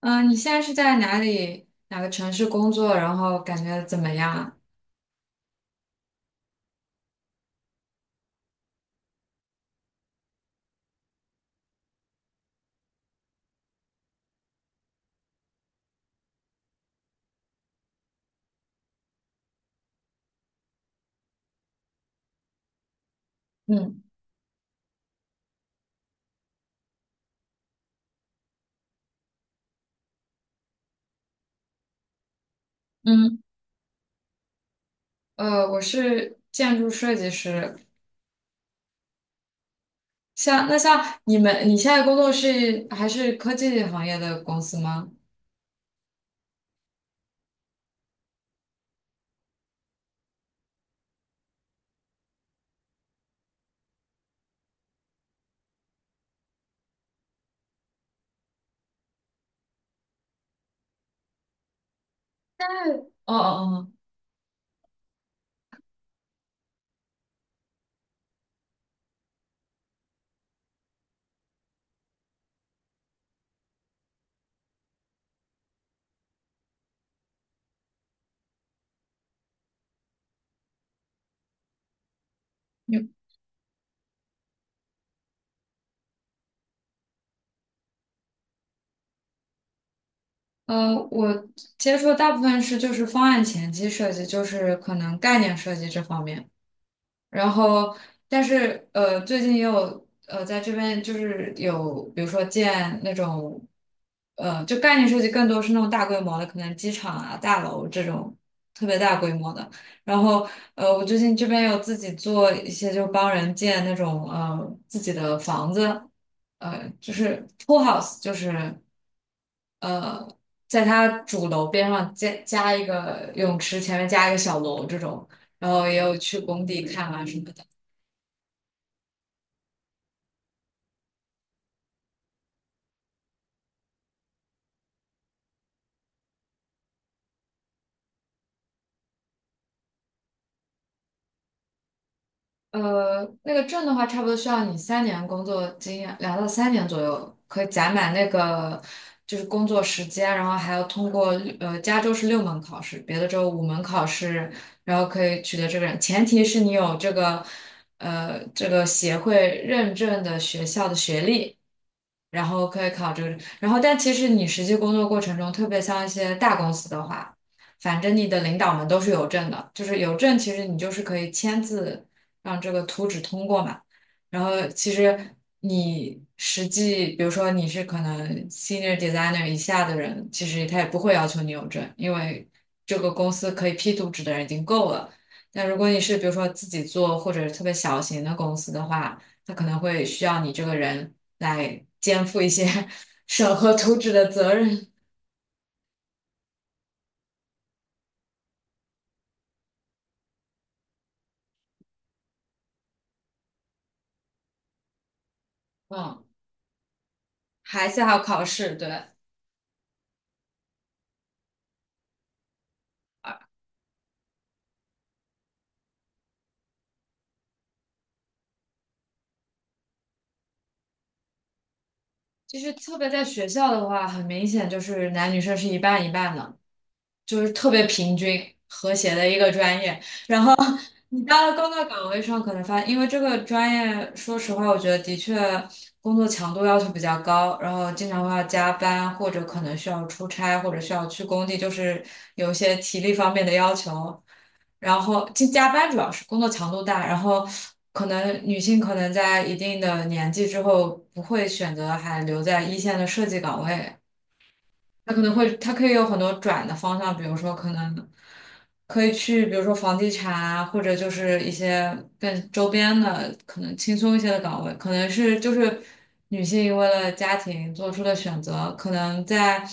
你现在是在哪个城市工作？然后感觉怎么样啊？嗯嗯，我是建筑设计师。像你们，你现在工作是还是科技行业的公司吗？哦哦哦，你我接触的大部分是就是方案前期设计，就是可能概念设计这方面。然后，但是最近也有在这边就是有，比如说建那种，就概念设计更多是那种大规模的，可能机场啊、大楼这种特别大规模的。然后，我最近这边有自己做一些，就帮人建那种自己的房子，就是 pool house，就是呃，在它主楼边上加一个泳池，前面加一个小楼这种。然后也有去工地看啊什么。那个证的话，差不多需要你三年工作经验，2到3年左右，可以攒满那个就是工作时间，然后还要通过加州是6门考试，别的州5门考试，然后可以取得这个证。前提是你有这个协会认证的学校的学历，然后可以考这个。然后，但其实你实际工作过程中，特别像一些大公司的话。反正你的领导们都是有证的，就是有证，其实你就是可以签字让这个图纸通过嘛。然后其实你实际，比如说你是可能 senior designer 以下的人，其实他也不会要求你有证，因为这个公司可以批图纸的人已经够了。但如果你是比如说自己做或者特别小型的公司的话，他可能会需要你这个人来肩负一些 审核图纸的责任。嗯，还是要考试，对。就是特别在学校的话，很明显就是男女生是一半一半的，就是特别平均和谐的一个专业。你到了工作岗位上，可能发现因为这个专业，说实话，我觉得的确工作强度要求比较高，然后经常会要加班，或者可能需要出差，或者需要去工地，就是有一些体力方面的要求。然后进加班主要是工作强度大，然后可能女性可能在一定的年纪之后不会选择还留在一线的设计岗位，它可以有很多转的方向，比如说可能可以去，比如说房地产啊，或者就是一些更周边的，可能轻松一些的岗位，可能是就是女性为了家庭做出的选择，可能在，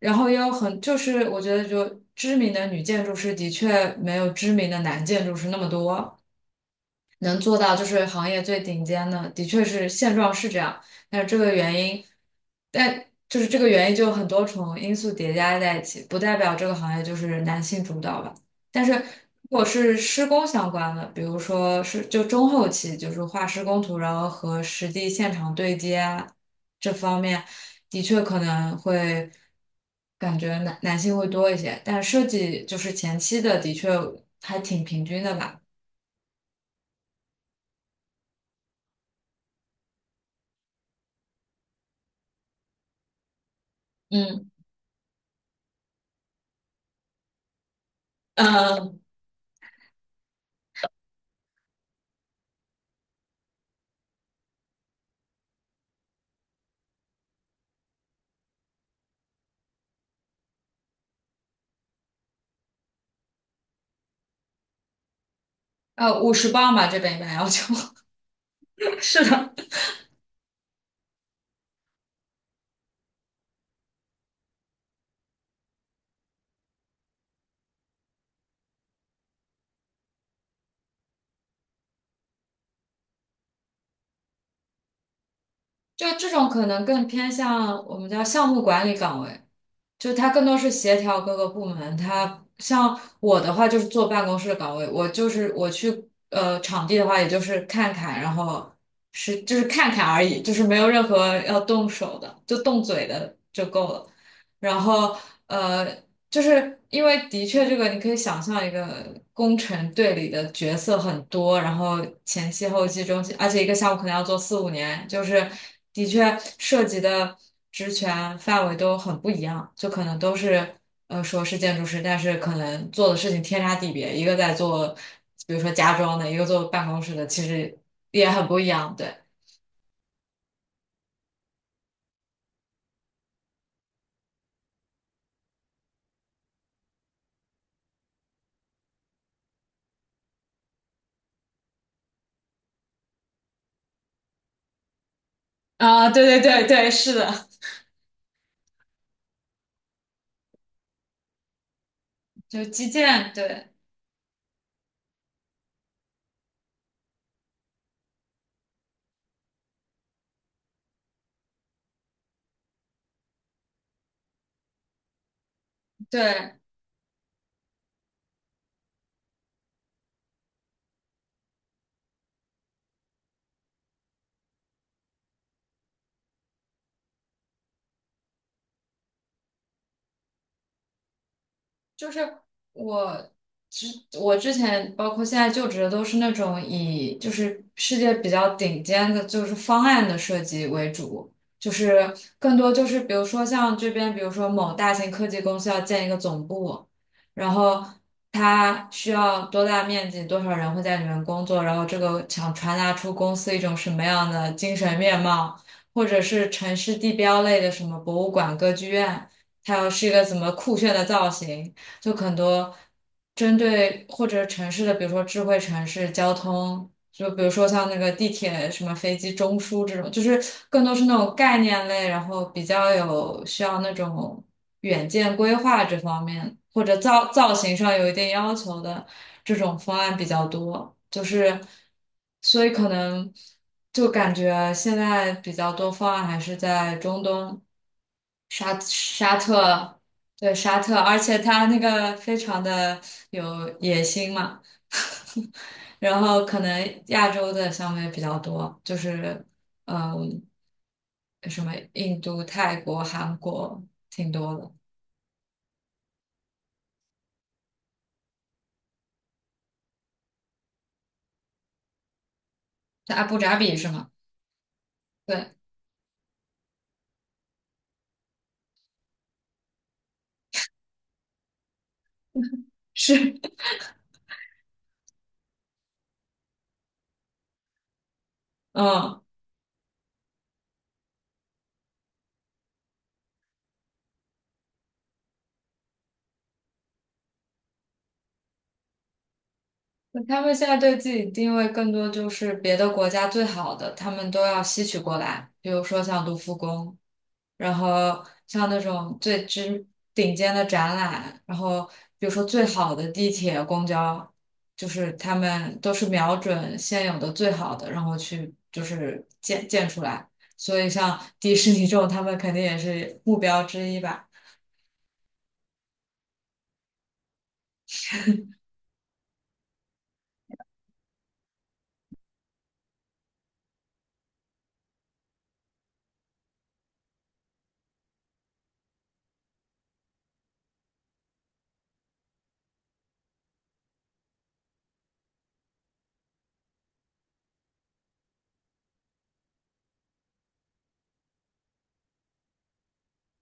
然后也有就是我觉得就知名的女建筑师的确没有知名的男建筑师那么多，能做到就是行业最顶尖的，的确是现状是这样，但是这个原因，但就是这个原因就很多重因素叠加在一起，不代表这个行业就是男性主导吧。但是如果是施工相关的，比如说是就中后期，就是画施工图，然后和实地现场对接啊这方面，的确可能会感觉男性会多一些，但设计就是前期的，的确还挺平均的吧。嗯，呃50磅吧，这边一般要求。是的，就这种可能更偏向我们叫项目管理岗位，就它更多是协调各个部门。它像我的话就是坐办公室的岗位，我就是我去场地的话，也就是看看，然后是就是看看而已，就是没有任何要动手的，就动嘴的就够了。然后。呃。就是因为的确，这个你可以想象一个工程队里的角色很多，然后前期、后期、中期，而且一个项目可能要做四五年，就是的确涉及的职权范围都很不一样，就可能都是说是建筑师，但是可能做的事情天差地别，一个在做比如说家装的，一个做办公室的，其实也很不一样，对。啊，对对对对，是的，就基建，对对，就是我之我之前包括现在就职的都是那种以就是世界比较顶尖的，就是方案的设计为主，就是更多就是比如说像这边，比如说某大型科技公司要建一个总部，然后它需要多大面积，多少人会在里面工作，然后这个想传达出公司一种什么样的精神面貌，或者是城市地标类的什么博物馆、歌剧院。它要是一个怎么酷炫的造型，就很多针对或者城市的，比如说智慧城市、交通，就比如说像那个地铁、什么飞机、中枢这种，就是更多是那种概念类，然后比较有需要那种远见规划这方面，或者造型上有一定要求的这种方案比较多，就是所以可能就感觉现在比较多方案还是在中东。沙特，对沙特，而且他那个非常的有野心嘛，然后可能亚洲的项目也比较多，就是嗯，什么印度、泰国、韩国挺多的，在阿布扎比是吗？对，是，嗯。他们现在对自己定位更多就是别的国家最好的，他们都要吸取过来，比如说像卢浮宫，然后像那种最知顶尖的展览，然后比如说最好的地铁、公交，就是他们都是瞄准现有的最好的，然后去就是建出来。所以像迪士尼这种，他们肯定也是目标之一吧。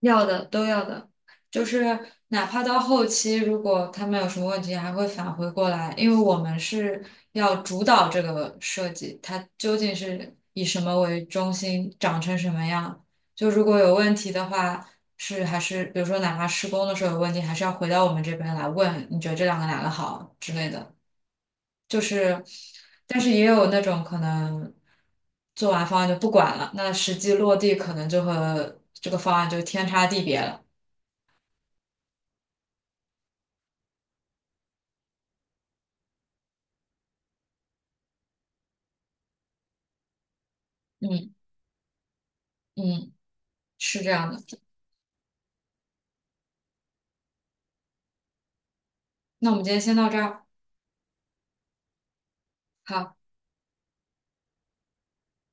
要的都要的，就是哪怕到后期，如果他们有什么问题，还会返回过来，因为我们是要主导这个设计，它究竟是以什么为中心，长成什么样。就如果有问题的话，是还是比如说哪怕施工的时候有问题，还是要回到我们这边来问，你觉得这两个哪个好之类的。就是，但是也有那种可能做完方案就不管了，那实际落地可能就和这个方案就天差地别了。嗯嗯，是这样的。那我们今天先到这儿，好。